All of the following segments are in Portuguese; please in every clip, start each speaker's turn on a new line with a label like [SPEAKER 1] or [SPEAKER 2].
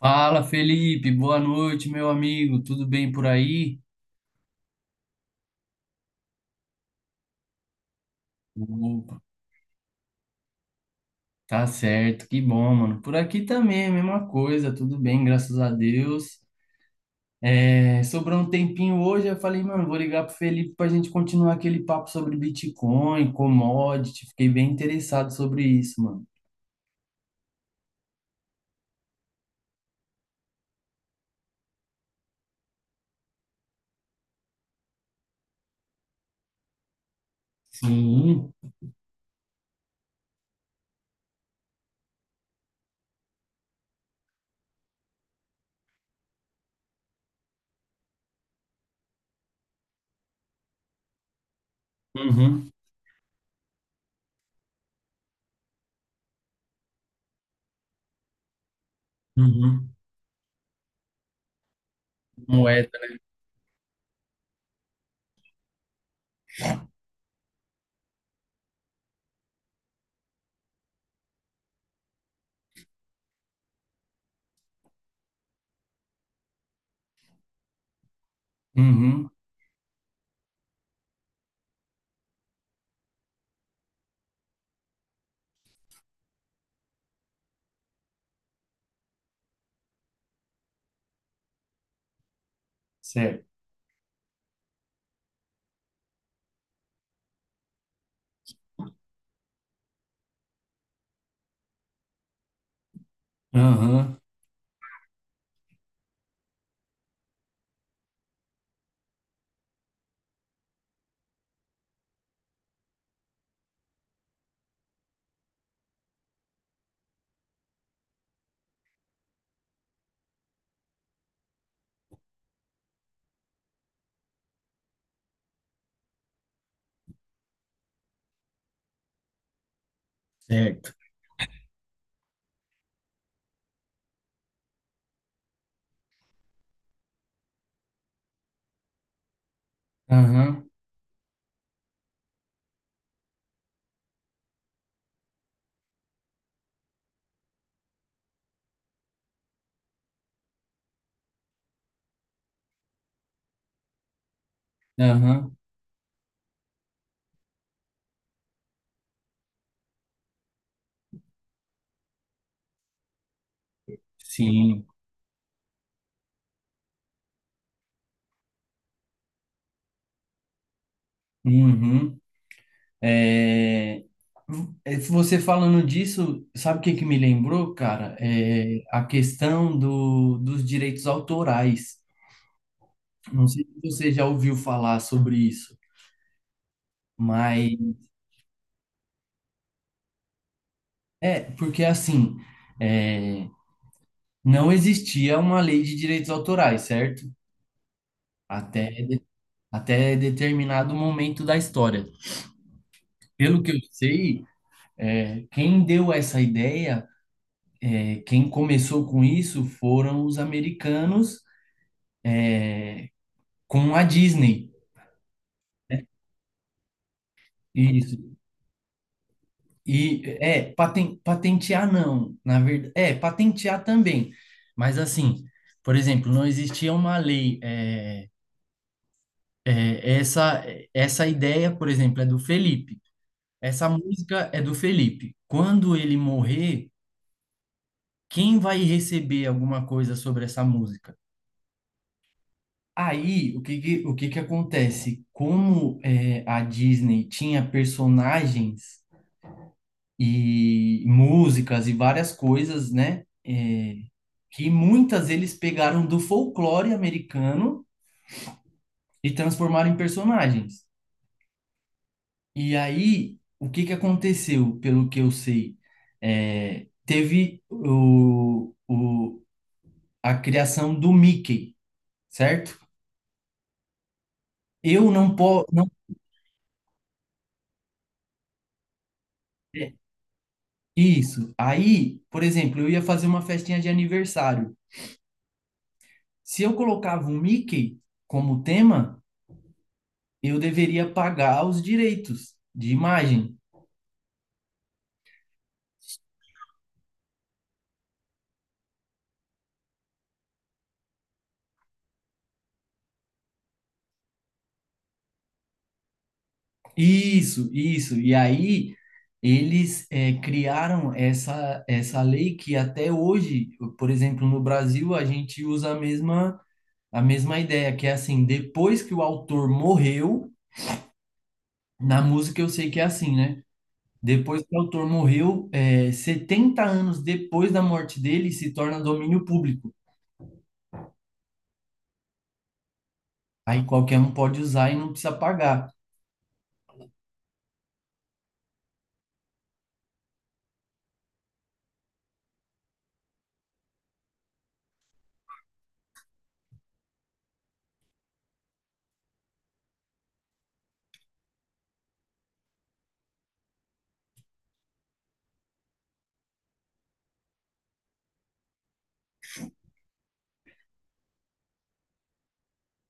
[SPEAKER 1] Fala, Felipe, boa noite, meu amigo. Tudo bem por aí? Opa, tá certo, que bom, mano. Por aqui também, é a mesma coisa, tudo bem, graças a Deus. É, sobrou um tempinho hoje, eu falei, mano, vou ligar pro Felipe pra gente continuar aquele papo sobre Bitcoin, commodity. Fiquei bem interessado sobre isso, mano. Sim. Uhum. Uhum. Moeda. Uhum. Certo. Aham. Certo. Aham. Aham. Sim. Uhum. É, é, você falando disso, sabe o que me lembrou, cara? É a questão do, dos direitos autorais. Não sei se você já ouviu falar sobre isso, mas é porque assim, é, não existia uma lei de direitos autorais, certo? Até, até determinado momento da história. Pelo que eu sei, quem deu essa ideia, quem começou com isso foram os americanos com a Disney. Isso. E é, patentear não, na verdade, patentear também. Mas assim, por exemplo, não existia uma lei é, essa essa ideia, por exemplo, é do Felipe. Essa música é do Felipe. Quando ele morrer, quem vai receber alguma coisa sobre essa música? Aí, o que que acontece? Como é, a Disney tinha personagens e músicas e várias coisas, né? É, que muitas eles pegaram do folclore americano e transformaram em personagens. E aí, o que que aconteceu, pelo que eu sei? Teve a criação do Mickey, certo? Eu não posso. Não, é, isso. Aí, por exemplo, eu ia fazer uma festinha de aniversário. Se eu colocava o Mickey como tema, eu deveria pagar os direitos de imagem. Isso, isso. E aí eles criaram essa lei que até hoje, por exemplo, no Brasil, a gente usa a mesma ideia, que é assim, depois que o autor morreu, na música eu sei que é assim, né? Depois que o autor morreu, 70 anos depois da morte dele, se torna domínio público. Aí qualquer um pode usar e não precisa pagar.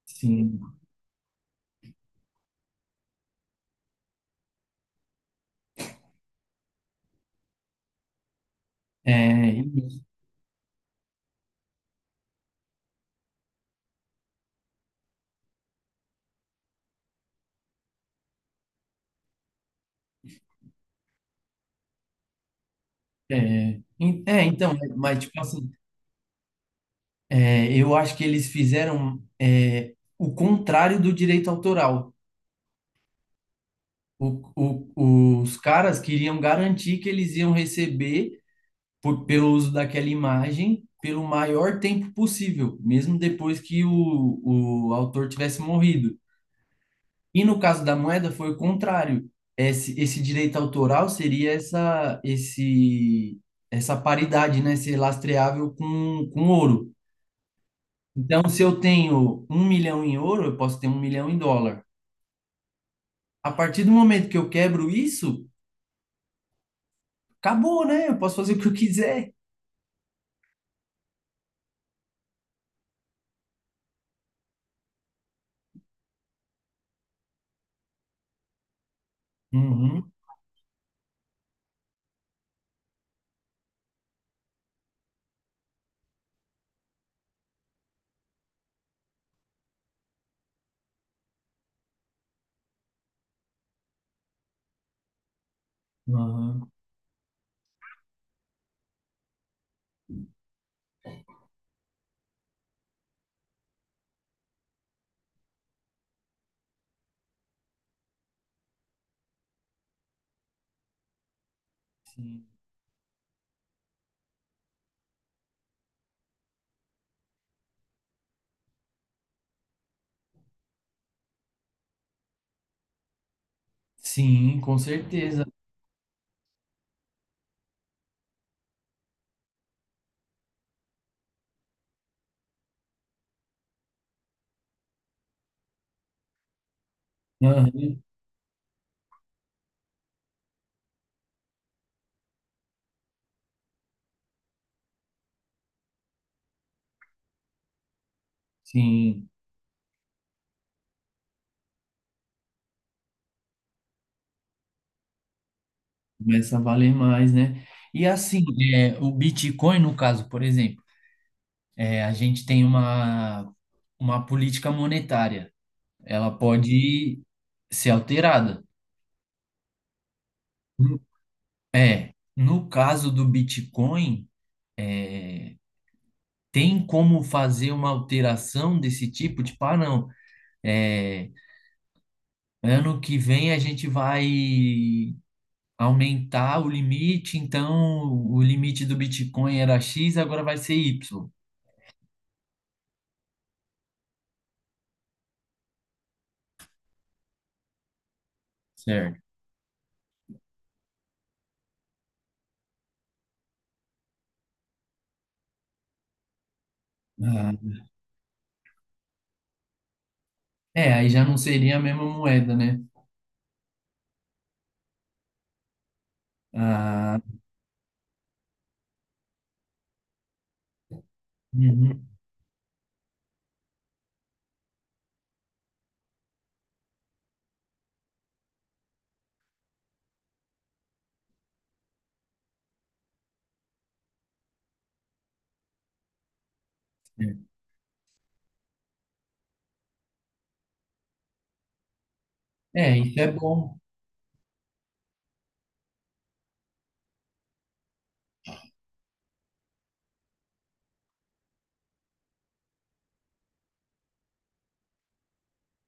[SPEAKER 1] Sim. É, É, en- é, então, é, mas tipo assim, eu acho que eles fizeram o contrário do direito autoral. O- os caras queriam garantir que eles iam receber pelo uso daquela imagem pelo maior tempo possível, mesmo depois que o autor tivesse morrido. E no caso da moeda foi o contrário. Esse direito autoral seria essa paridade, né, ser lastreável com ouro. Então, se eu tenho 1 milhão em ouro, eu posso ter 1 milhão em dólar. A partir do momento que eu quebro isso, acabou, né? Eu posso fazer o que eu quiser. Uhum, uhum, sim. Sim, com certeza. Uhum, sim, começa a valer mais, né? E assim, o Bitcoin, no caso, por exemplo, a gente tem uma política monetária. Ela pode ser alterada. No- É, no caso do Bitcoin, é, tem como fazer uma alteração desse tipo? Tipo, ah, não, é, ano que vem a gente vai aumentar o limite, então o limite do Bitcoin era X, agora vai ser Y. Certo. Ah, é, aí já não seria a mesma moeda, né? Ah, uhum, certo. É, isso é bom,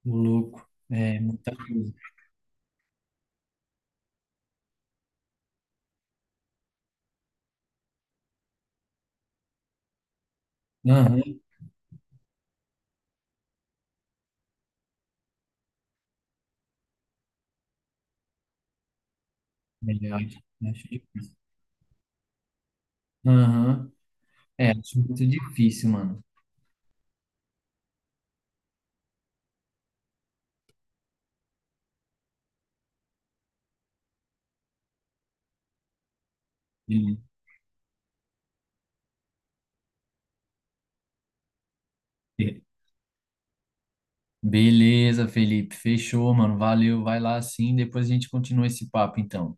[SPEAKER 1] ô louco. É, muita coisa. Aham, é, acho, acho difícil. Aham, é, acho muito difícil, mano. Beleza, Felipe. Fechou, mano. Valeu. Vai lá sim. Depois a gente continua esse papo, então.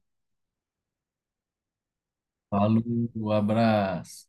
[SPEAKER 1] Falou, abraço.